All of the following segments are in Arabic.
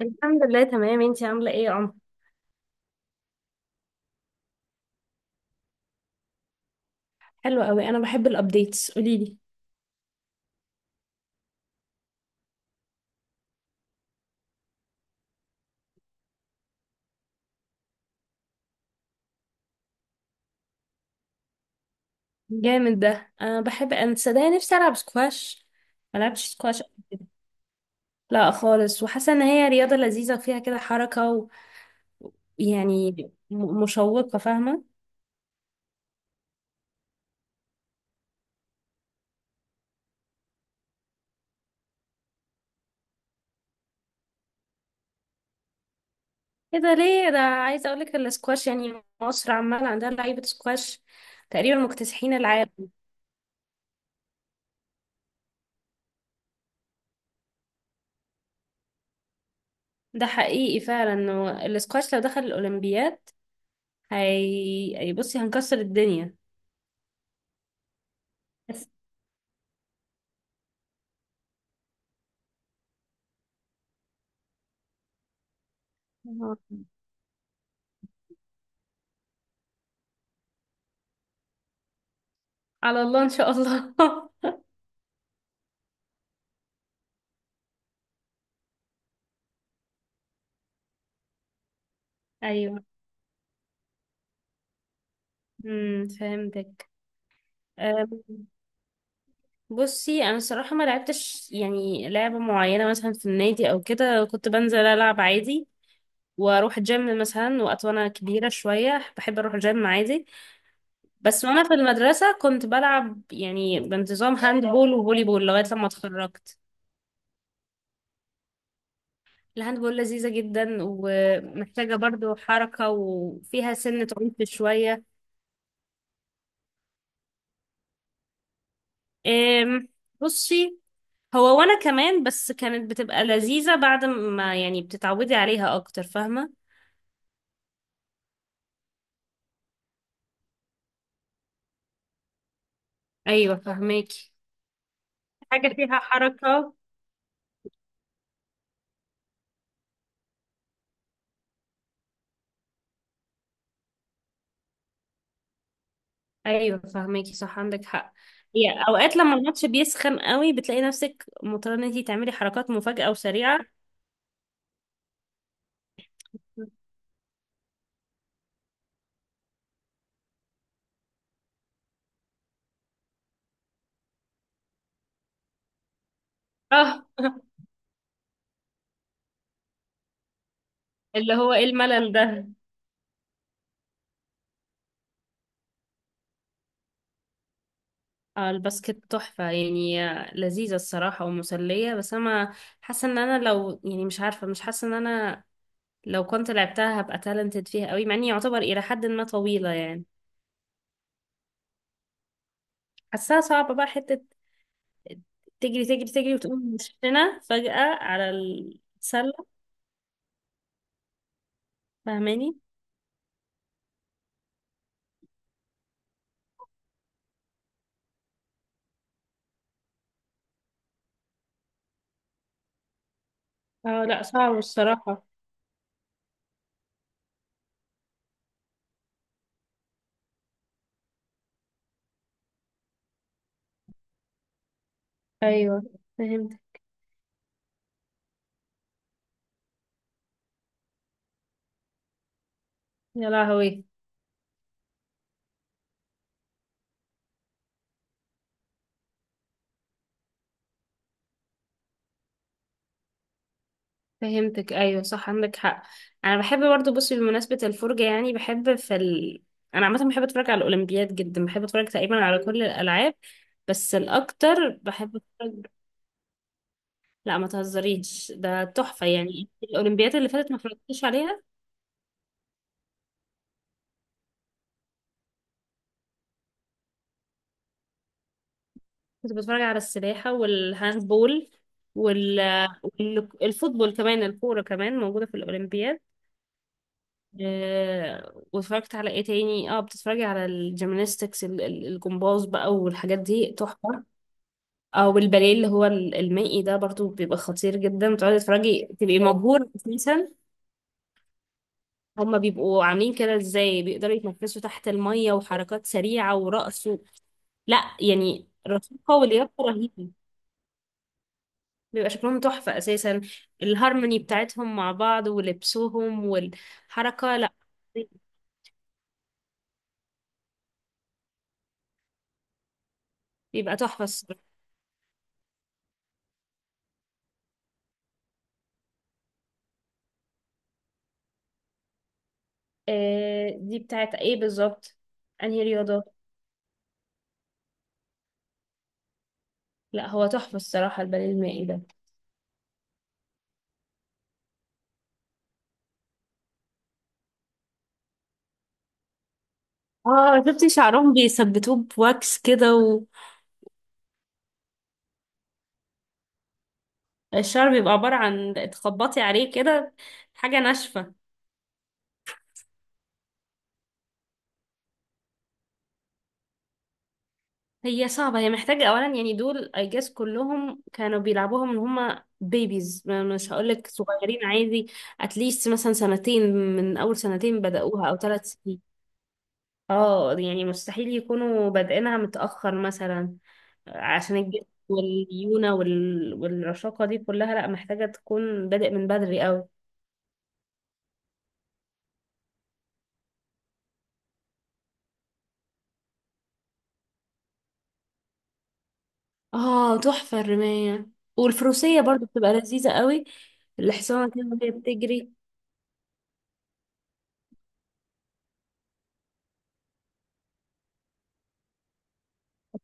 الحمد لله تمام. انتي عاملة ايه يا عمر؟ حلو قوي، انا بحب الابديتس، قولي لي. جامد ده، انا بحب، انا صدقني نفسي العب سكواش. ما لعبتش سكواش قبل كده. لا خالص، وحاسه ان هي رياضه لذيذه وفيها كده حركه ويعني مشوقه، فاهمه. ايه ده؟ ليه ده؟ عايزه اقول لك السكواش، يعني مصر عمال عندها لعيبه سكواش تقريبا مكتسحين العالم. ده حقيقي فعلا، انه السكواش لو دخل الاولمبياد، بصي هنكسر الدنيا. بس على الله ان شاء الله. ايوه. فهمتك. أم، بصي انا الصراحه ما لعبتش يعني لعبه معينه مثلا في النادي او كده، كنت بنزل العب عادي واروح الجيم مثلا وقت. وانا كبيره شويه بحب اروح الجيم عادي. بس وانا في المدرسه كنت بلعب يعني بانتظام هاند بول وفولي بول لغايه لما اتخرجت. الهاند بول لذيذه جدا ومحتاجه برضو حركه وفيها سنه عنف شويه. أم، بصي، هو وانا كمان، بس كانت بتبقى لذيذة بعد ما يعني بتتعودي عليها اكتر، فاهمة. ايوه فاهماكي. حاجة فيها حركة. ايوه فاهماكي، صح عندك حق. هي اوقات لما الماتش بيسخن قوي بتلاقي نفسك مضطرة ان انتي تعملي حركات مفاجئة وسريعة. اه. اللي هو ايه الملل ده. اه، الباسكت تحفة يعني، لذيذة الصراحة ومسلية. بس انا حاسة ان انا، لو يعني مش عارفة، مش حاسة ان انا لو كنت لعبتها هبقى تالنتد فيها قوي، مع اني يعتبر الى حد ما طويلة يعني. حاساها صعبة بقى، حتة تجري تجري تجري وتقوم مشينا فجأة على السلة، فاهماني. اه لا، صعب الصراحة. ايوه فهمتك. يا لهوي. فهمتك، ايوه صح عندك حق. انا بحب برضو، بصي، بمناسبة الفرجة، يعني بحب في انا عامة بحب اتفرج على الاولمبياد جدا، بحب اتفرج تقريبا على كل الالعاب، بس الاكتر بحب اتفرج. لا ما تهزريش، ده تحفة يعني. الأولمبياد اللي فاتت ما اتفرجتش عليها. كنت بتفرج على السباحة والهاندبول وال والفوتبول كمان، الكورة كمان موجودة في الأولمبياد. واتفرجت على ايه تاني؟ اه، بتتفرجي على الجيمناستكس، الجمباز بقى، والحاجات دي تحفة. او الباليه اللي هو المائي ده، برضو بيبقى خطير جدا، بتقعدي تتفرجي تبقي مبهورة اساسا. هما بيبقوا عاملين كده ازاي؟ بيقدروا يتنفسوا تحت المية وحركات سريعة ورقص. لا يعني رشاقة ولياقة رهيبة. بيبقى شكلهم تحفة أساسا، الهارموني بتاعتهم مع بعض ولبسهم والحركة، لا بيبقى تحفة الصراحة. آه، دي بتاعت ايه بالظبط؟ انهي رياضة؟ لا هو تحفة الصراحة الباليه المائي ده. اه شفتي شعرهم بيثبتوه بواكس كده، والشعر بيبقى عبارة عن تخبطي عليه كده، حاجة ناشفة. هي صعبة، هي محتاجة أولا يعني، دول I guess كلهم كانوا بيلعبوها من هما بيبيز، مش هقولك صغيرين عادي. اتليست مثلا 2 سنين، من أول 2 سنين بدأوها، أو 3 سنين. اه يعني مستحيل يكونوا بادئينها متأخر مثلا. عشان الجسم والليونة والرشاقة دي كلها، لأ محتاجة تكون بادئ من بدري أوي. اه تحفة الرماية. والفروسية برضو بتبقى لذيذة قوي، الحصانة كده وهي بتجري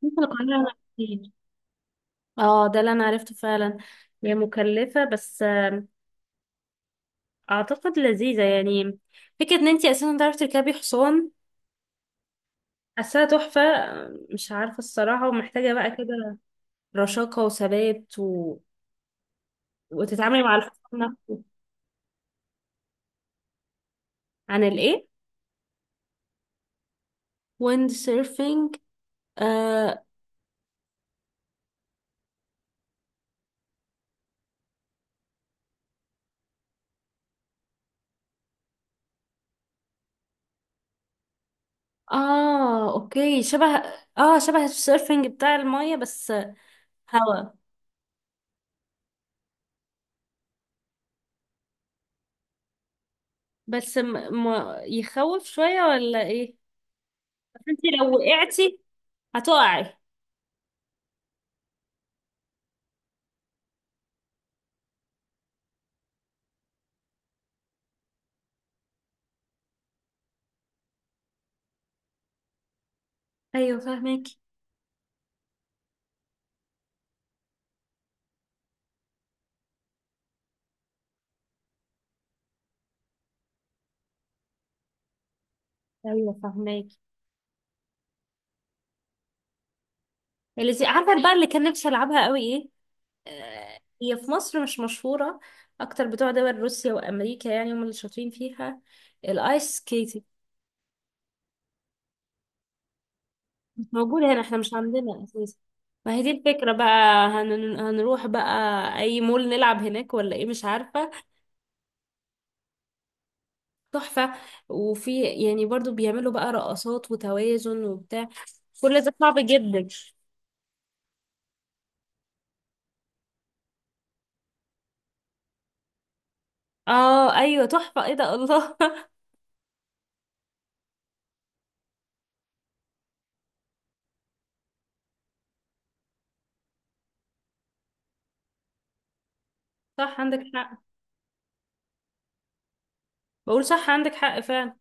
في القناة. اه ده اللي انا عرفته فعلا، هي مكلفة، بس اعتقد لذيذة يعني. فكرة ان انتي اساسا تعرفي تركبي حصان، حاساها تحفة. مش عارفة الصراحة، ومحتاجة بقى كده رشاقة وثبات وتتعاملي مع الحصان نفسه. عن الايه؟ ويند سيرفينج. آه. اه اوكي، شبه، اه شبه السيرفينج بتاع المية، بس هوا. بس يخوف شوية ولا ايه؟ بس انتي لو وقعتي، هتقعي. ايوه فاهمك. ايوه فهماك. عارفه بقى اللي كان نفسي العبها قوي ايه؟ هي في مصر مش مشهوره، اكتر بتوع دول روسيا وامريكا يعني، هم اللي شاطرين فيها. الايس سكيتنج. مش موجوده هنا، احنا مش عندنا اساسا. ما هي دي الفكره بقى، هنروح بقى اي مول نلعب هناك ولا ايه، مش عارفه. تحفه. وفي يعني برضو بيعملوا بقى رقصات وتوازن وبتاع، كل ده صعب جدا. اه ايوه تحفه، ايه ده، الله. صح عندك حق. بقول صح عندك حق فعلا.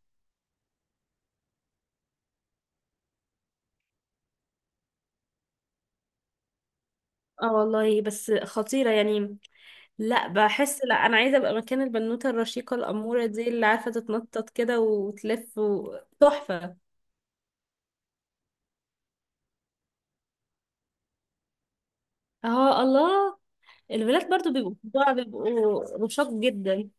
اه والله، بس خطيرة يعني. لا بحس، لا انا عايزة ابقى مكان البنوتة الرشيقة الأمورة دي، اللي عارفة تتنطط كده وتلف تحفة. اه الله. الولاد برضو بيبقوا رشاق جدا، ايوه.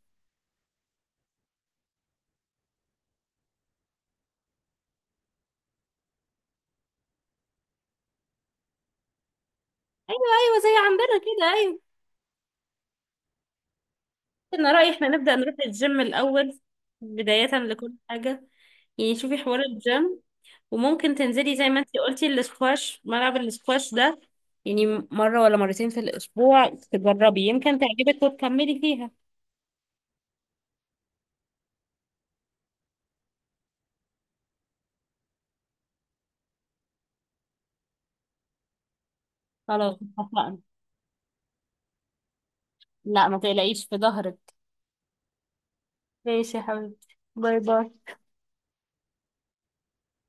ايوه زي عندنا كده، ايوه. انا رأيي احنا نبدأ نروح الجيم الأول، بداية لكل حاجة. يعني شوفي حوار الجيم، وممكن تنزلي زي ما انتي قلتي الاسكواش، ملعب الاسكواش ده، يعني مرة ولا 2 مرة في الأسبوع تجربي، يمكن تعجبك وتكملي فيها. خلاص اتفقنا. لا ما تقلقيش في ظهرك. ماشي يا حبيبتي، باي باي.